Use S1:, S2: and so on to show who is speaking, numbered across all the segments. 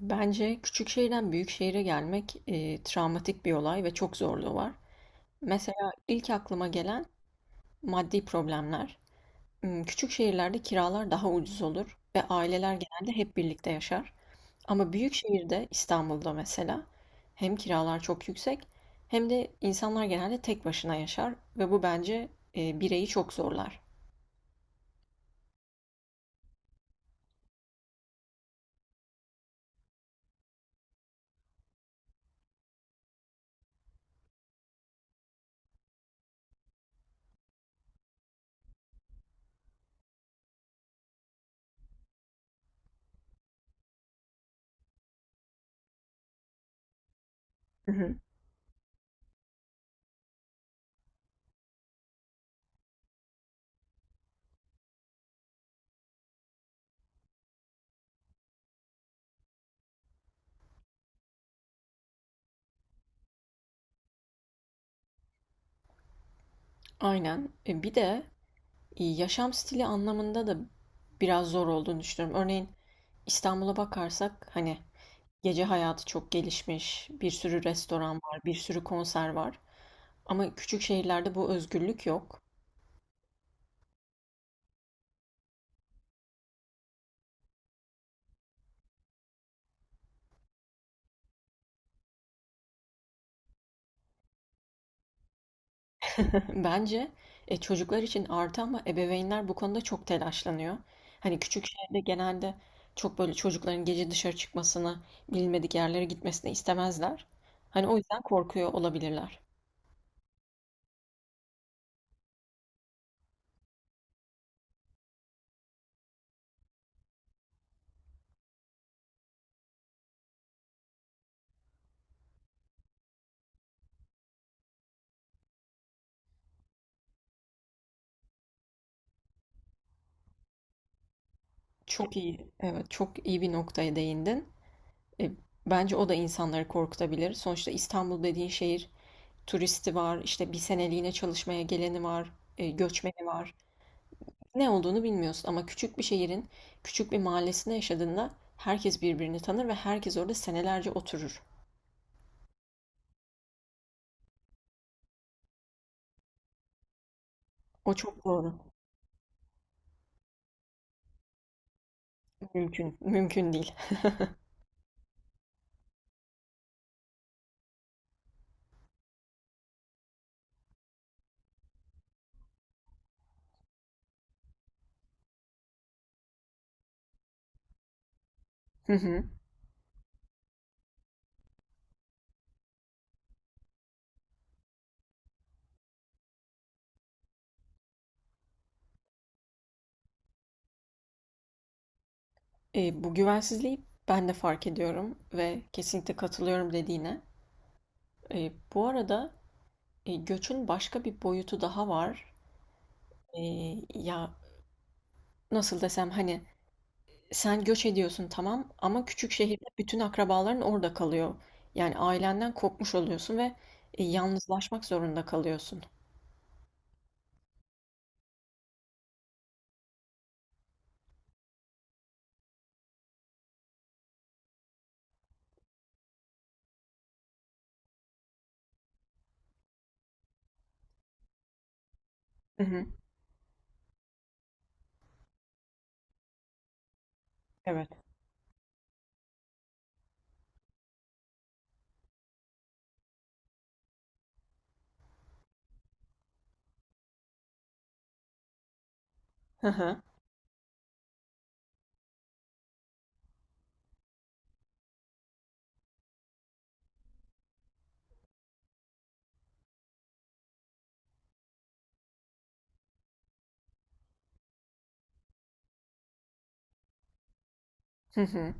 S1: Bence küçük şehirden büyük şehire gelmek, travmatik bir olay ve çok zorluğu var. Mesela ilk aklıma gelen maddi problemler. Küçük şehirlerde kiralar daha ucuz olur ve aileler genelde hep birlikte yaşar. Ama büyük şehirde, İstanbul'da mesela, hem kiralar çok yüksek hem de insanlar genelde tek başına yaşar ve bu bence bireyi çok zorlar. Hı hı. Aynen. Bir de yaşam stili anlamında da biraz zor olduğunu düşünüyorum. Örneğin İstanbul'a bakarsak hani gece hayatı çok gelişmiş, bir sürü restoran var, bir sürü konser var. Ama küçük şehirlerde bu özgürlük yok. Bence çocuklar için artı ama ebeveynler bu konuda çok telaşlanıyor. Hani küçük şehirde genelde çok böyle çocukların gece dışarı çıkmasını, bilmedik yerlere gitmesini istemezler. Hani o yüzden korkuyor olabilirler. Çok iyi, evet çok iyi bir noktaya değindin. E, Bence o da insanları korkutabilir. Sonuçta İstanbul dediğin şehir turisti var, işte bir seneliğine çalışmaya geleni var, göçmeni var. Ne olduğunu bilmiyorsun ama küçük bir şehrin küçük bir mahallesinde yaşadığında herkes birbirini tanır ve herkes orada senelerce oturur. O çok doğru. Mümkün, mümkün değil. Hı hı. Bu güvensizliği ben de fark ediyorum ve kesinlikle katılıyorum dediğine. Bu arada göçün başka bir boyutu daha var. E, ya nasıl desem hani sen göç ediyorsun tamam ama küçük şehirde bütün akrabaların orada kalıyor. Yani ailenden kopmuş oluyorsun ve yalnızlaşmak zorunda kalıyorsun. Hı hı. Evet. Hı hı. Hı hı.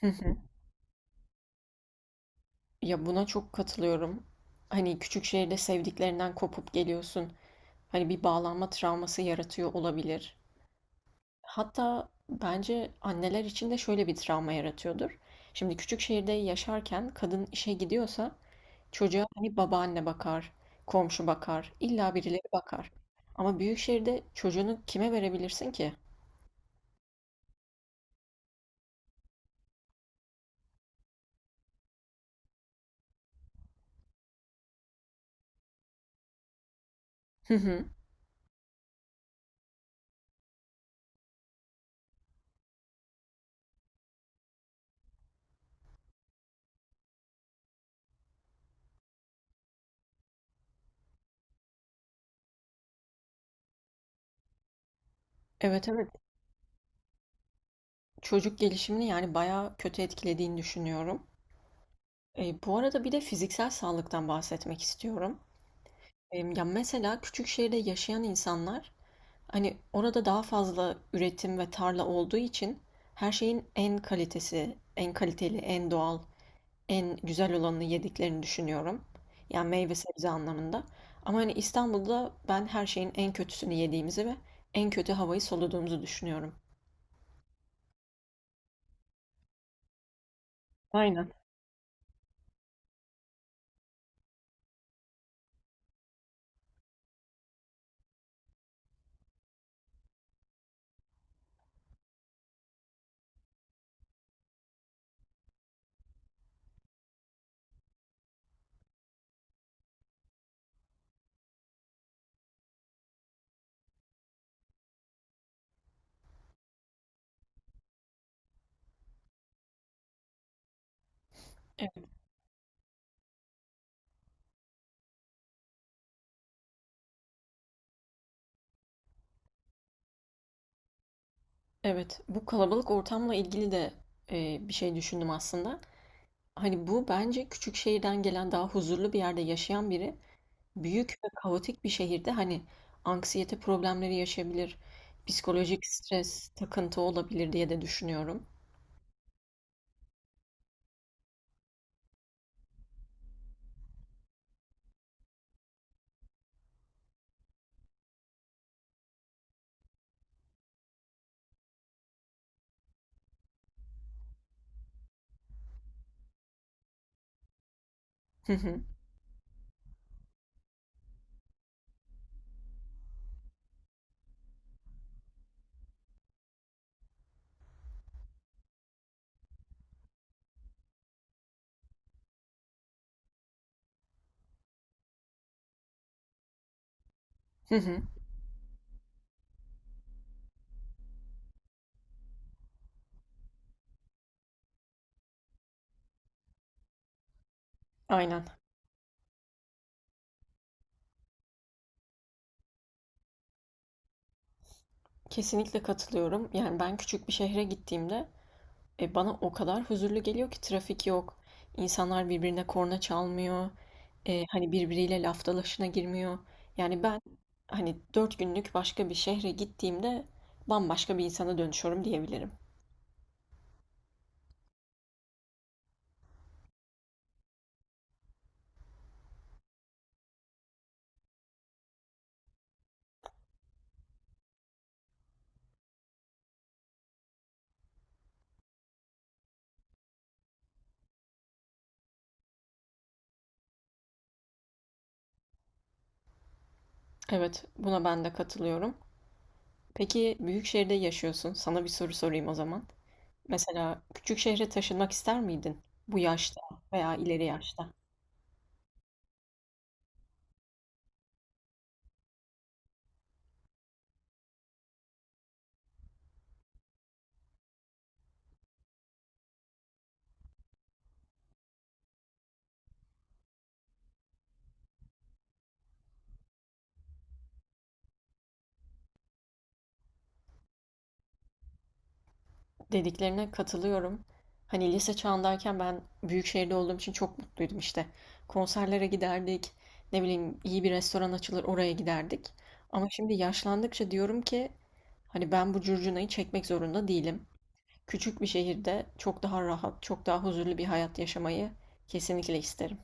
S1: Hı hı. Ya buna çok katılıyorum. Hani küçük şehirde sevdiklerinden kopup geliyorsun. Hani bir bağlanma travması yaratıyor olabilir. Hatta bence anneler için de şöyle bir travma yaratıyordur. Şimdi küçük şehirde yaşarken kadın işe gidiyorsa çocuğa hani babaanne bakar, komşu bakar, illa birileri bakar. Ama büyük şehirde çocuğunu kime verebilirsin ki? Hı hı. Evet, evet. Çocuk gelişimini yani bayağı kötü etkilediğini düşünüyorum. Bu arada bir de fiziksel sağlıktan bahsetmek istiyorum. Ya mesela küçük şehirde yaşayan insanlar hani orada daha fazla üretim ve tarla olduğu için her şeyin en kalitesi, en kaliteli, en doğal en güzel olanını yediklerini düşünüyorum. Yani meyve sebze anlamında. Ama hani İstanbul'da ben her şeyin en kötüsünü yediğimizi ve en kötü havayı soluduğumuzu düşünüyorum. Aynen. Evet. Evet, bu kalabalık ortamla ilgili de bir şey düşündüm aslında. Hani bu bence küçük şehirden gelen daha huzurlu bir yerde yaşayan biri büyük ve kaotik bir şehirde hani anksiyete problemleri yaşayabilir, psikolojik stres, takıntı olabilir diye de düşünüyorum. Hı hı. Hı hı. Aynen. Kesinlikle katılıyorum. Yani ben küçük bir şehre gittiğimde bana o kadar huzurlu geliyor ki trafik yok. İnsanlar birbirine korna çalmıyor. Hani birbiriyle laf dalaşına girmiyor. Yani ben hani 4 günlük başka bir şehre gittiğimde bambaşka bir insana dönüşüyorum diyebilirim. Evet, buna ben de katılıyorum. Peki büyük şehirde yaşıyorsun. Sana bir soru sorayım o zaman. Mesela küçük şehre taşınmak ister miydin? Bu yaşta veya ileri yaşta? Dediklerine katılıyorum. Hani lise çağındayken ben büyük şehirde olduğum için çok mutluydum işte. Konserlere giderdik, ne bileyim iyi bir restoran açılır oraya giderdik. Ama şimdi yaşlandıkça diyorum ki hani ben bu curcunayı çekmek zorunda değilim. Küçük bir şehirde çok daha rahat, çok daha huzurlu bir hayat yaşamayı kesinlikle isterim.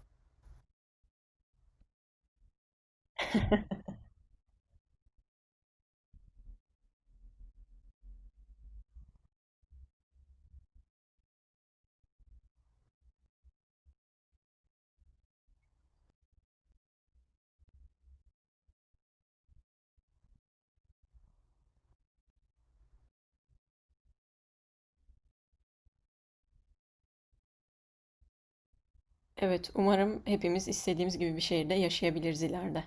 S1: Evet, umarım hepimiz istediğimiz gibi bir şehirde yaşayabiliriz ileride.